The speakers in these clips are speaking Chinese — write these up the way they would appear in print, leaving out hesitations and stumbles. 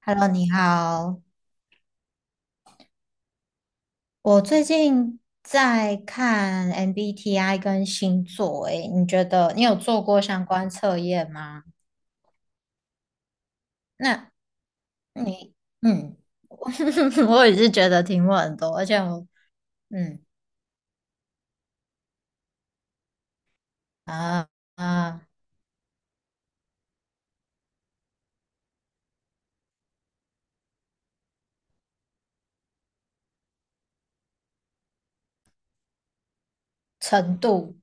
Hello，你好。我最近在看 MBTI 跟星座，诶，你觉得你有做过相关测验吗？那你，嗯，我也是觉得题目很多，而且我，嗯啊啊，程度，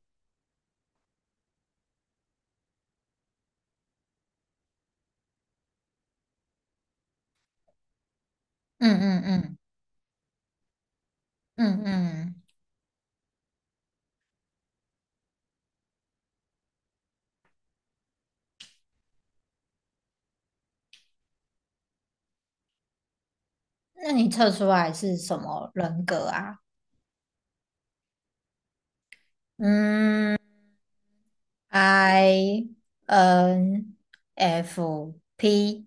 嗯嗯嗯嗯嗯，那你测出来是什么人格啊？嗯，INFP。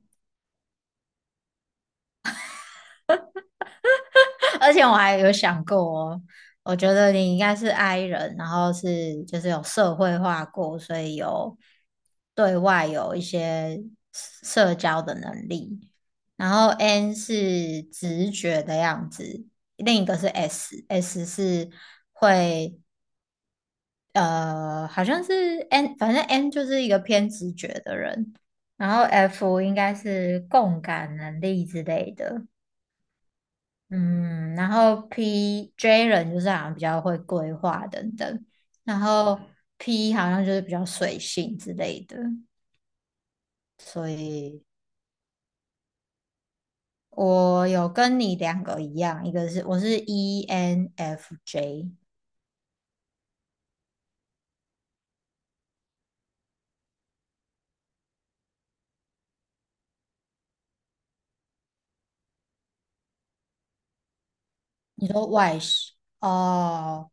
而且我还有想过哦，我觉得你应该是 I 人，然后是就是有社会化过，所以有对外有一些社交的能力。然后 N 是直觉的样子，另一个是 S，S 是会好像是 N，反正 N 就是一个偏直觉的人。然后 F 应该是共感能力之类的。嗯，然后 PJ 人就是好像比较会规划等等，然后 P 好像就是比较随性之类的，所以我有跟你两个一样，一个是我是 ENFJ，你说外向哦，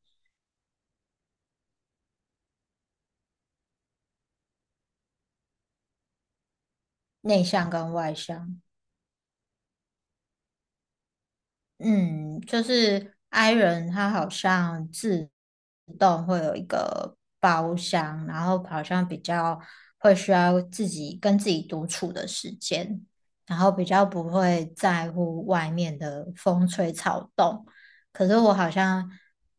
内向跟外向，嗯，就是 i 人他好像自动会有一个包厢，然后好像比较会需要自己跟自己独处的时间，然后比较不会在乎外面的风吹草动。可是我好像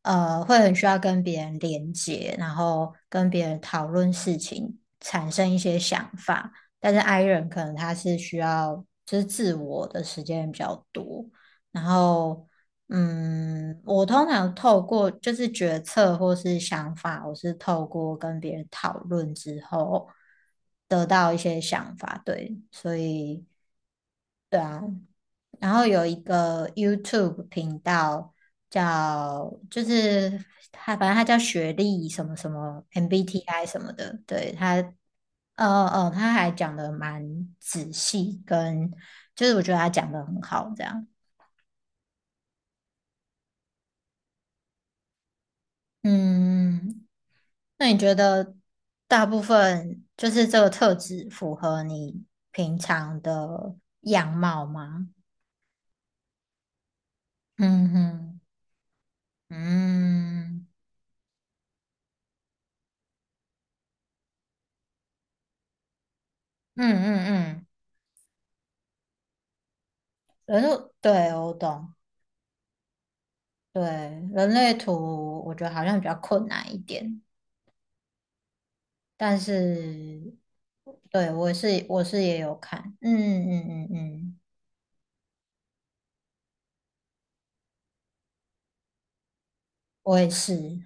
会很需要跟别人连接，然后跟别人讨论事情，产生一些想法。但是 i 人可能他是需要就是自我的时间比较多。然后，我通常透过就是决策或是想法，我是透过跟别人讨论之后得到一些想法，对，所以然后有一个 YouTube 频道叫，就是他，反正他叫学历什么什么 MBTI 什么的，对，它，他还讲的蛮仔细，跟就是我觉得他讲的很好，这样。嗯，那你觉得大部分就是这个特质符合你平常的样貌吗？嗯哼，嗯嗯嗯嗯，人类，对，我懂，对，人类图我觉得好像比较困难一点，但是对我是也有看，嗯嗯嗯嗯，我也是，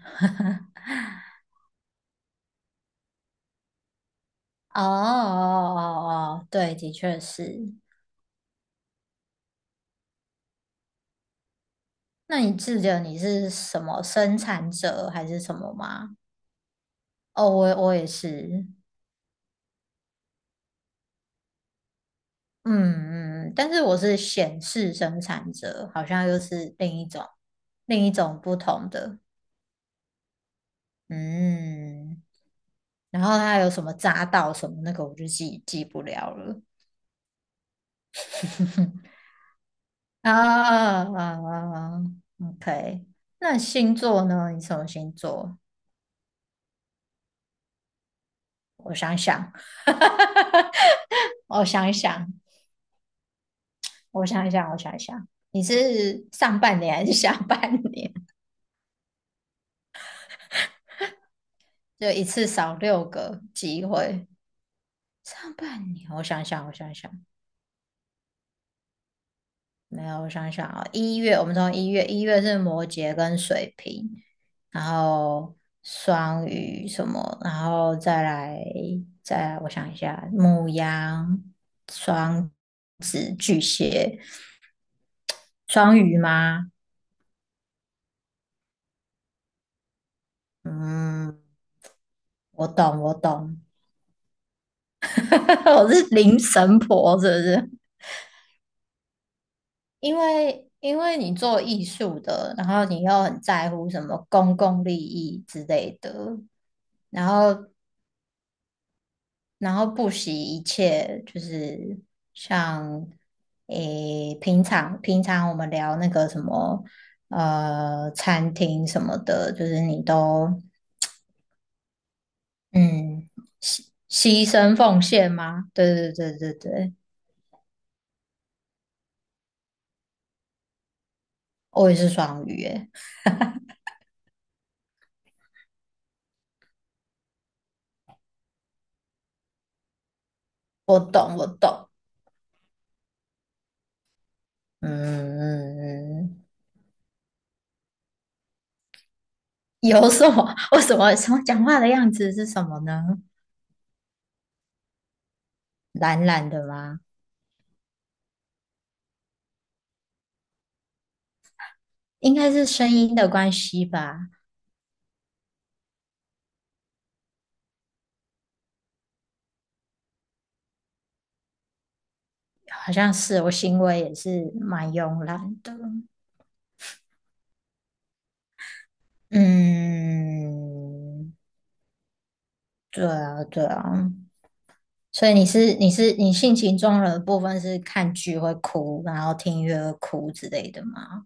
哦哦哦哦，哦对，的确是。那你记得你是什么生产者还是什么吗？哦，我也是，嗯嗯，但是我是显示生产者，好像又是另一种不同的，嗯。然后他有什么匝道什么那个，我就记不了了啊啊啊啊嗯！OK，那星座呢？你什么星座？我想想，我想想，我想一想，我想一想，你是上半年还是下半年？就一次少六个机会。上半年，我想想，我想想，没有，我想想啊，一月我们从一月，一月是摩羯跟水瓶，然后双鱼什么，然后再来我想一下，牧羊双双鱼吗？嗯，我懂，我懂，我是灵神婆，是不是？因为你做艺术的，然后你又很在乎什么公共利益之类的，然后然后不惜一切，就是像诶平常我们聊那个什么餐厅什么的，就是你都嗯牺牲奉献吗？对对对对对，我也是双鱼耶，我懂我懂，嗯嗯嗯。有什么？为什么什么讲话的样子是什么呢？懒懒的吗？应该是声音的关系吧，好像是我行为也是蛮慵懒的。嗯，对啊，对啊。所以你是你性情中人的部分是看剧会哭，然后听音乐会哭之类的吗？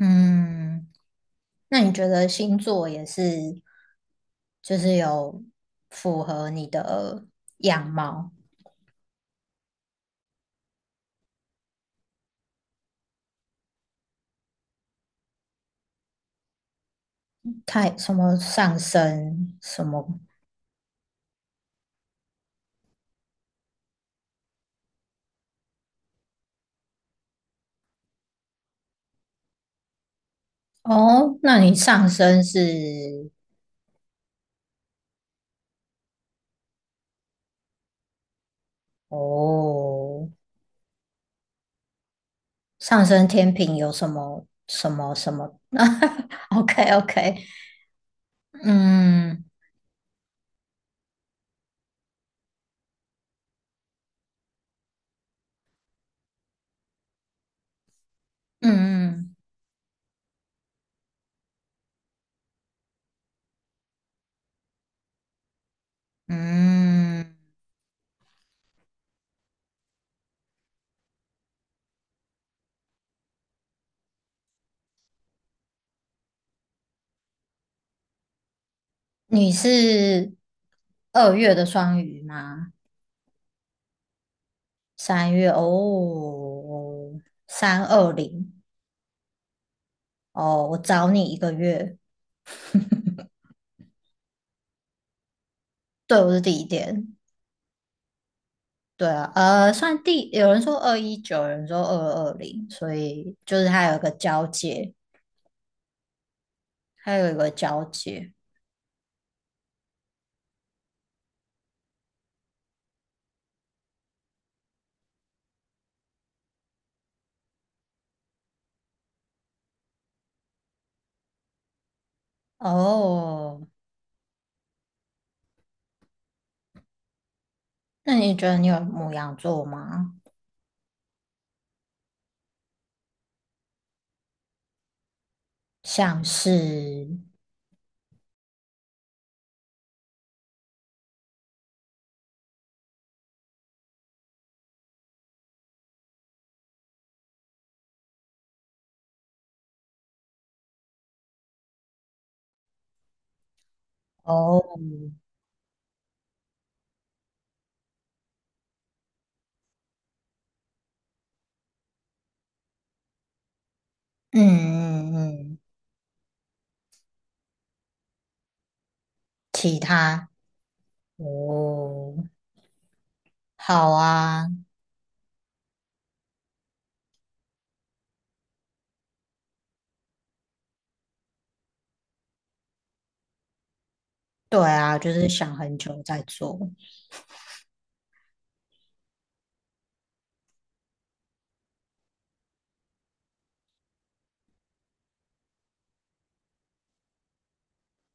嗯，那你觉得星座也是就是有符合你的样貌？太什么上升什么哦？那你上升是哦，上升天平有什么什么什么 ？OK OK，嗯嗯嗯嗯，你是2月的双鱼吗？3月哦，三二零哦，我找你1个月，对，我是第一点。对啊，算第，有人说二一九，有人说二二零，所以就是它有一个交界，它有一个交界。哦，那你觉得你有母羊座吗？像是，哦，嗯嗯嗯，其他，哦，好啊，对啊，就是想很久再做。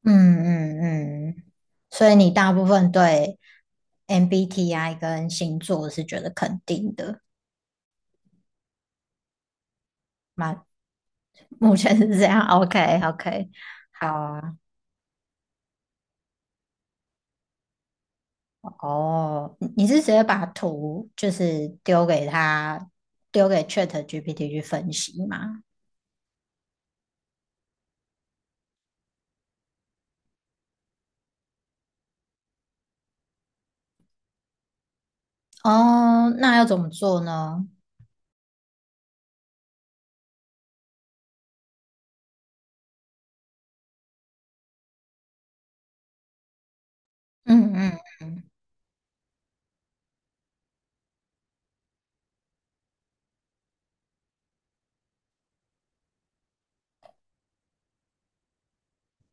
嗯嗯嗯，所以你大部分对 MBTI 跟星座是觉得肯定的。蛮 目前是这样，OK OK，好啊，哦，你是直接把图就是丢给他，丢给 Chat GPT 去分析吗？哦，那要怎么做呢？嗯嗯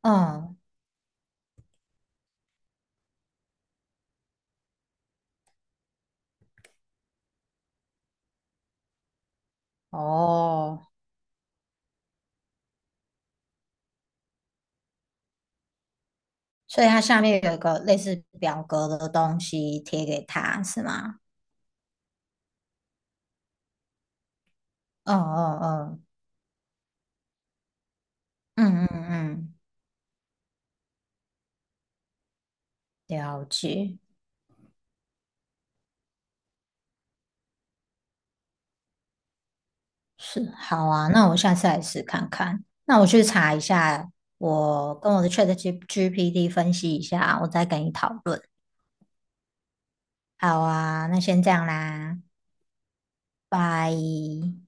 嗯，哦，所以它下面有一个类似表格的东西贴给他，是吗？嗯嗯嗯嗯嗯嗯，了解。是，好啊，那我下次来试看看。那我去查一下，我跟我的 ChatGPT 分析一下，我再跟你讨论。好啊，那先这样啦，拜。